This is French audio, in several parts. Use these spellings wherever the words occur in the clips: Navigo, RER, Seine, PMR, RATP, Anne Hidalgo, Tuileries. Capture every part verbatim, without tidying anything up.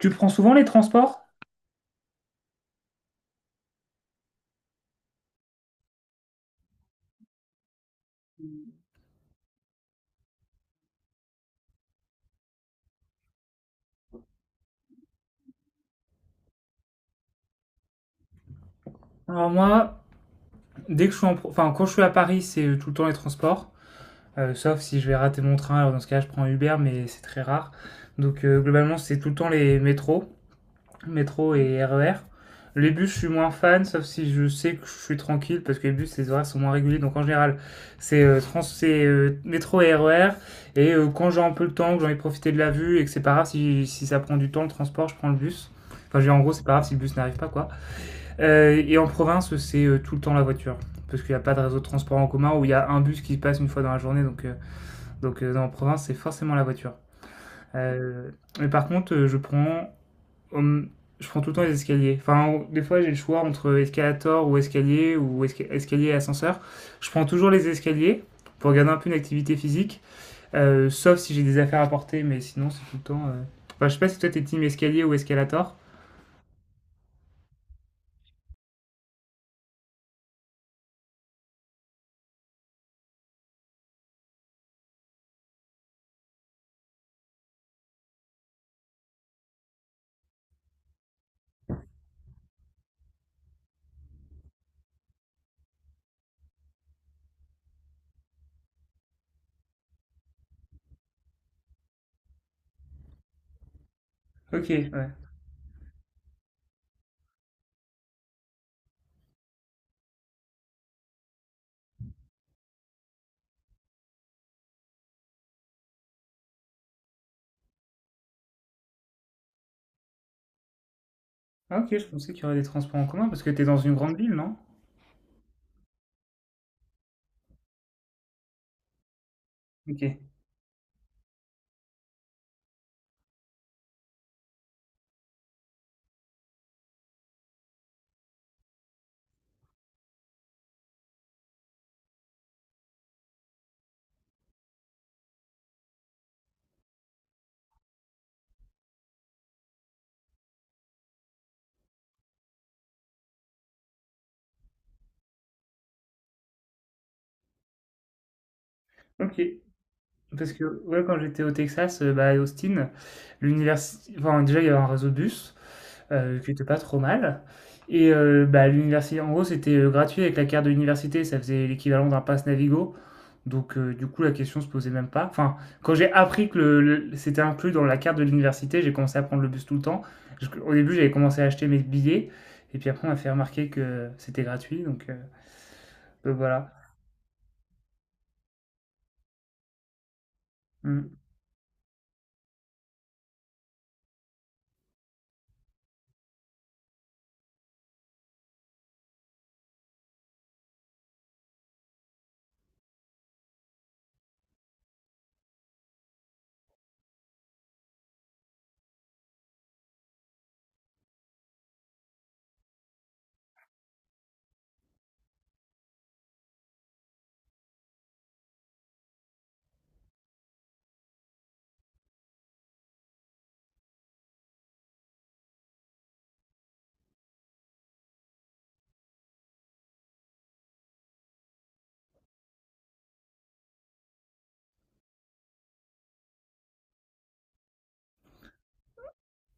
Tu prends souvent les transports? Alors moi, dès que je suis en pro- enfin quand je suis à Paris, c'est tout le temps les transports, Euh, sauf si je vais rater mon train. Alors dans ce cas, je prends Uber, mais c'est très rare. Donc euh, globalement, c'est tout le temps les métros, métro et R E R. Les bus, je suis moins fan, sauf si je sais que je suis tranquille, parce que les bus, les horaires sont moins réguliers. Donc en général, c'est euh, trans- c'est, euh, métro et R E R. Et euh, quand j'ai un peu le temps, que j'ai envie de profiter de la vue et que c'est pas grave si, si ça prend du temps le transport, je prends le bus. Enfin, je veux dire, en gros, c'est pas grave si le bus n'arrive pas, quoi. Euh, et en province, c'est euh, tout le temps la voiture. Parce qu'il n'y a pas de réseau de transport en commun où il y a un bus qui passe une fois dans la journée. Donc, euh, donc euh, en province, c'est forcément la voiture. Euh, mais par contre, euh, je prends, hum, je prends tout le temps les escaliers. Enfin, on- des fois, j'ai le choix entre escalator ou escalier ou esca- escalier et ascenseur. Je prends toujours les escaliers pour garder un peu une activité physique, euh, sauf si j'ai des affaires à porter, mais sinon, c'est tout le temps. euh, Enfin, je sais pas si toi, t'es team escalier ou escalator. Ok, ouais. Ah, ok, je pensais qu'il y aurait des transports en commun parce que t'es dans une grande ville, non? OK. OK. Parce que, ouais, quand j'étais au Texas, heu, bah, à Austin, l'université, enfin, déjà, il y avait un réseau de bus, heu, qui était pas trop mal. Et heu, bah, l'université en gros, c'était, heu, gratuit avec la carte de l'université, ça faisait l'équivalent d'un pass Navigo, donc heu, du coup, la question se posait même pas. Enfin, quand j'ai appris que le le c'était inclus dans la carte de l'université, j'ai commencé à prendre le bus tout le temps. Parce qu'au début, j'avais commencé à acheter mes billets et puis après, on m'a fait remarquer que c'était gratuit, donc heu, donc voilà. Mmh.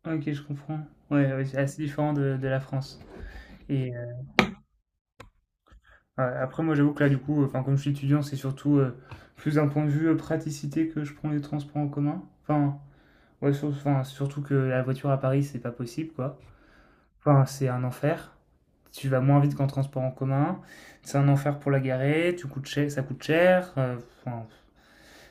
Ah, OK, je comprends. Ouais, ouais, c'est assez différent de de la France. Et heu, a après, moi j'avoue que là du coup, euh, enfin, comme je suis étudiant, c'est surtout, heu, plus d'un point de vue, heu, praticité que je prends les transports en commun. Enfin, ouais, sur enfin, surtout que la voiture à Paris, c'est pas possible, quoi. Enfin, c'est un enfer. Tu vas moins vite qu'en transport en commun. C'est un enfer pour la garer, tu coûtes cher ça coûte cher, heu, enfin,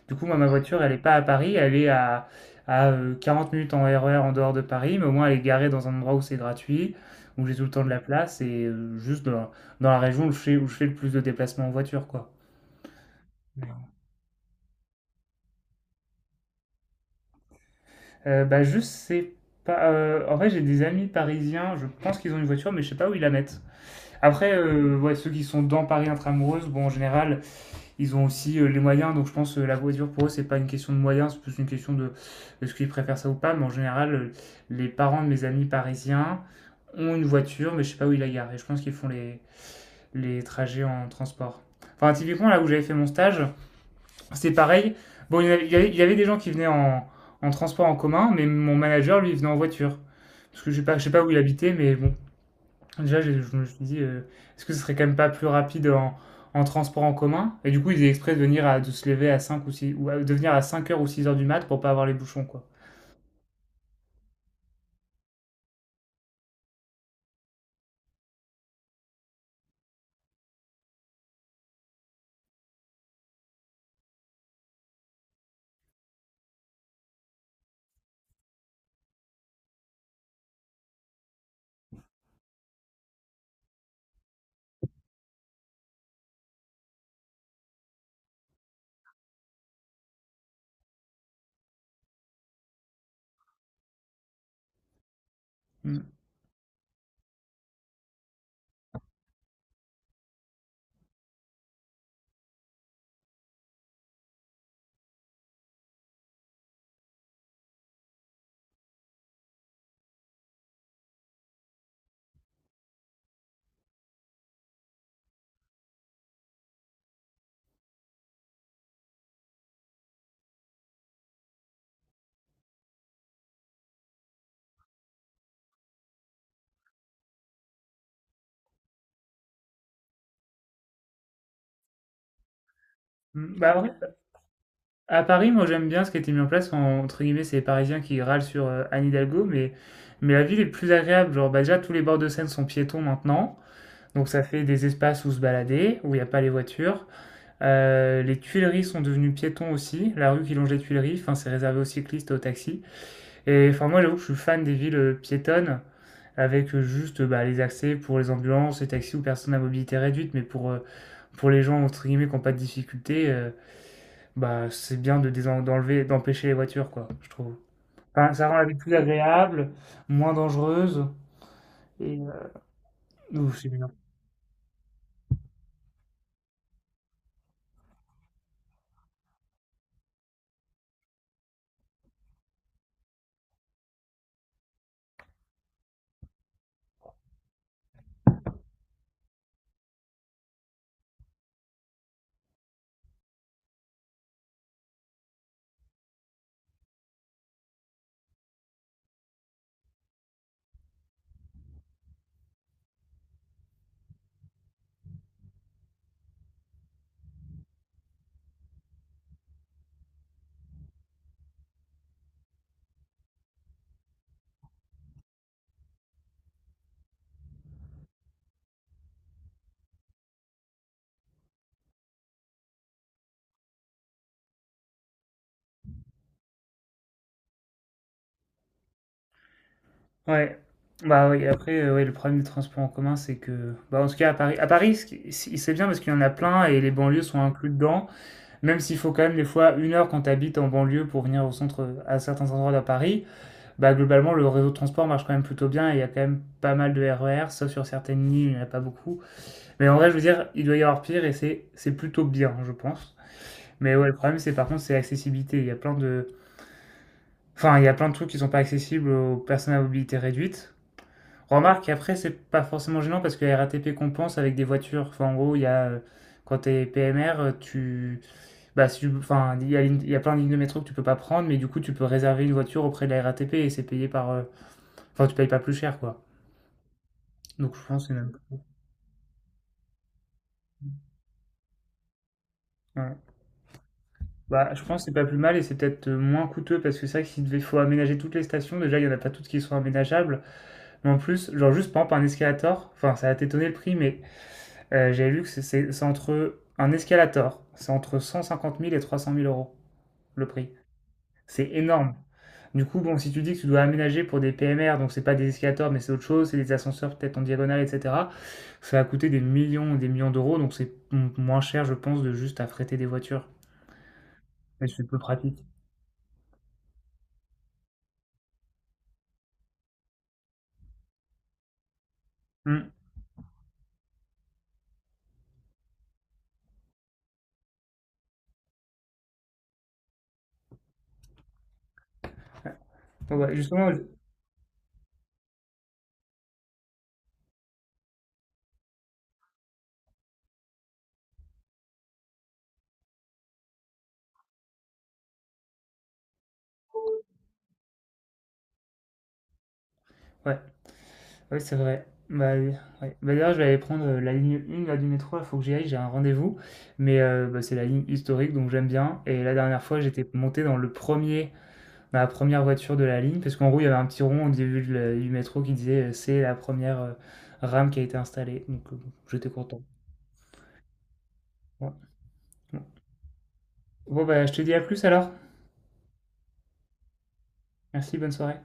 du coup, moi, ma voiture, elle n'est pas à Paris, elle est à, à euh, quarante minutes en R E R en dehors de Paris, mais au moins elle est garée dans un endroit où c'est gratuit, où j'ai tout le temps de la place, et euh, juste dans, dans la région où je fais, où je fais le plus de déplacements en voiture, quoi. Euh, bah, je sais pas. Euh, en vrai, j'ai des amis parisiens, je pense qu'ils ont une voiture, mais je sais pas où ils la mettent. Après, euh, ouais, ceux qui sont dans Paris intramuros, bon, en général, ils ont aussi euh, les moyens, donc je pense que la voiture pour eux, c'est pas une question de moyens, c'est plus une question de est-ce qu'ils préfèrent ça ou pas. Mais en général, euh, les parents de mes amis parisiens ont une voiture, mais je sais pas où ils la garent. Et je pense qu'ils font les, les trajets en transport. Enfin, typiquement, là où j'avais fait mon stage, c'est pareil. Bon, il y, avait, il y avait- des gens qui venaient en, en transport en commun, mais mon manager, lui, venait en voiture. Parce que je sais pas, je sais pas où il habitait, mais bon, enfin, déjà, j'ai- je me suis dit, euh, est-ce que ce serait quand même pas plus rapide en, en transport en commun? Et du coup, ils étaient exprès de venir à, de se lever à cinq ou six, ou à- de venir à cinq heures ou six heures du mat pour pas avoir les bouchons, quoi. Mm. Mm. Bah, en vrai, à Paris, moi, j'aime bien ce qui a été mis en place. En- entre guillemets, c'est les Parisiens qui râlent sur euh, Anne Hidalgo, mais, mais la ville est plus agréable. Genre, bah, déjà, tous les bords de Seine sont piétons maintenant. Donc, ça fait des espaces où se balader, où il n'y a pas les voitures. Euh, les Tuileries sont devenues piétons aussi. La rue qui longe les Tuileries, enfin, c'est réservé aux cyclistes et aux taxis. Et enfin, moi, j'avoue que je suis fan des villes euh, piétonnes, avec euh, juste euh, bah, les accès pour les ambulances, les taxis ou personnes à mobilité réduite, mais pour, euh, pour les gens, entre guillemets, qui n'ont pas de difficultés, euh, bah, c'est bien de désen- d'enlever, d'empêcher les voitures, quoi, je trouve. Enfin, ça rend la vie plus agréable, moins dangereuse, et... euh, ouf, c'est bien. Ouais. Bah oui, après, euh, ouais, le problème des transports en commun, c'est que... Bah, en tout cas, à Paris, à Paris ce qui- c'est c'est bien parce qu'il y en a plein et les banlieues sont inclus dedans. Même s'il faut quand même des fois une heure quand tu habites en banlieue pour venir au centre, à certains endroits de Paris, bah globalement, le réseau de transport marche quand même plutôt bien et il y a quand même pas mal de R E R, sauf sur certaines lignes, il n'y en a pas beaucoup. Mais en vrai, je veux dire, il doit y avoir pire et c'est c'est plutôt bien, je pense. Mais ouais, le problème c'est par contre c'est l'accessibilité. Il y a plein de, enfin il y a plein de trucs qui sont pas accessibles aux personnes à mobilité réduite. Remarque, après c'est pas forcément gênant parce que la R A T P compense avec des voitures. Enfin, en gros, il y a euh, quand t'es P M R, euh, tu bah, si tu- enfin, il y a, une- il y a plein de lignes de métro que tu peux pas prendre, mais du coup, tu peux réserver une voiture auprès de la R A T P et c'est payé par. euh, Enfin, tu payes pas plus cher, quoi. Donc, je pense que c'est même. Ouais. Bah, je pense que c'est pas plus mal et c'est peut-être euh, moins coûteux parce que c'est vrai que s'il devait faut aménager toutes les stations, déjà il y en a pas toutes qui sont aménageables, mais en plus, genre juste par exemple un escalator, enfin ça a t'étonné le prix, mais euh, j'ai lu que c'est c'est- c'est entre un escalator, c'est entre cent cinquante mille et trois cent mille euros le prix. C'est énorme. Du coup, bon, si tu dis que tu dois aménager pour des P M R, donc c'est pas des escalators, mais c'est autre chose, c'est des ascenseurs peut-être en diagonale, et cetera. Ça va coûter des millions, des millions d'euros, donc c'est m- moins cher, je pense, de juste affréter des voitures. Mais c'est peu pratique. Hmm. Ouais, justement, je- ouais, ouais, c'est vrai. Bah, oui, ouais. Bah, d'ailleurs, je vais aller prendre euh, la ligne un là, du métro, il faut que j'y aille, j'ai un rendez-vous. Mais euh, bah, c'est la ligne historique, donc j'aime bien. Et la dernière fois, j'étais monté dans le premier ma première voiture de la ligne, parce qu'en gros, il y avait un petit rond au début de la- du métro qui disait euh, c'est la première euh, rame qui a été installée. Donc, euh, bon, j'étais content. Ouais. Bon, bon, bah, je te dis à plus alors. Merci, bonne soirée.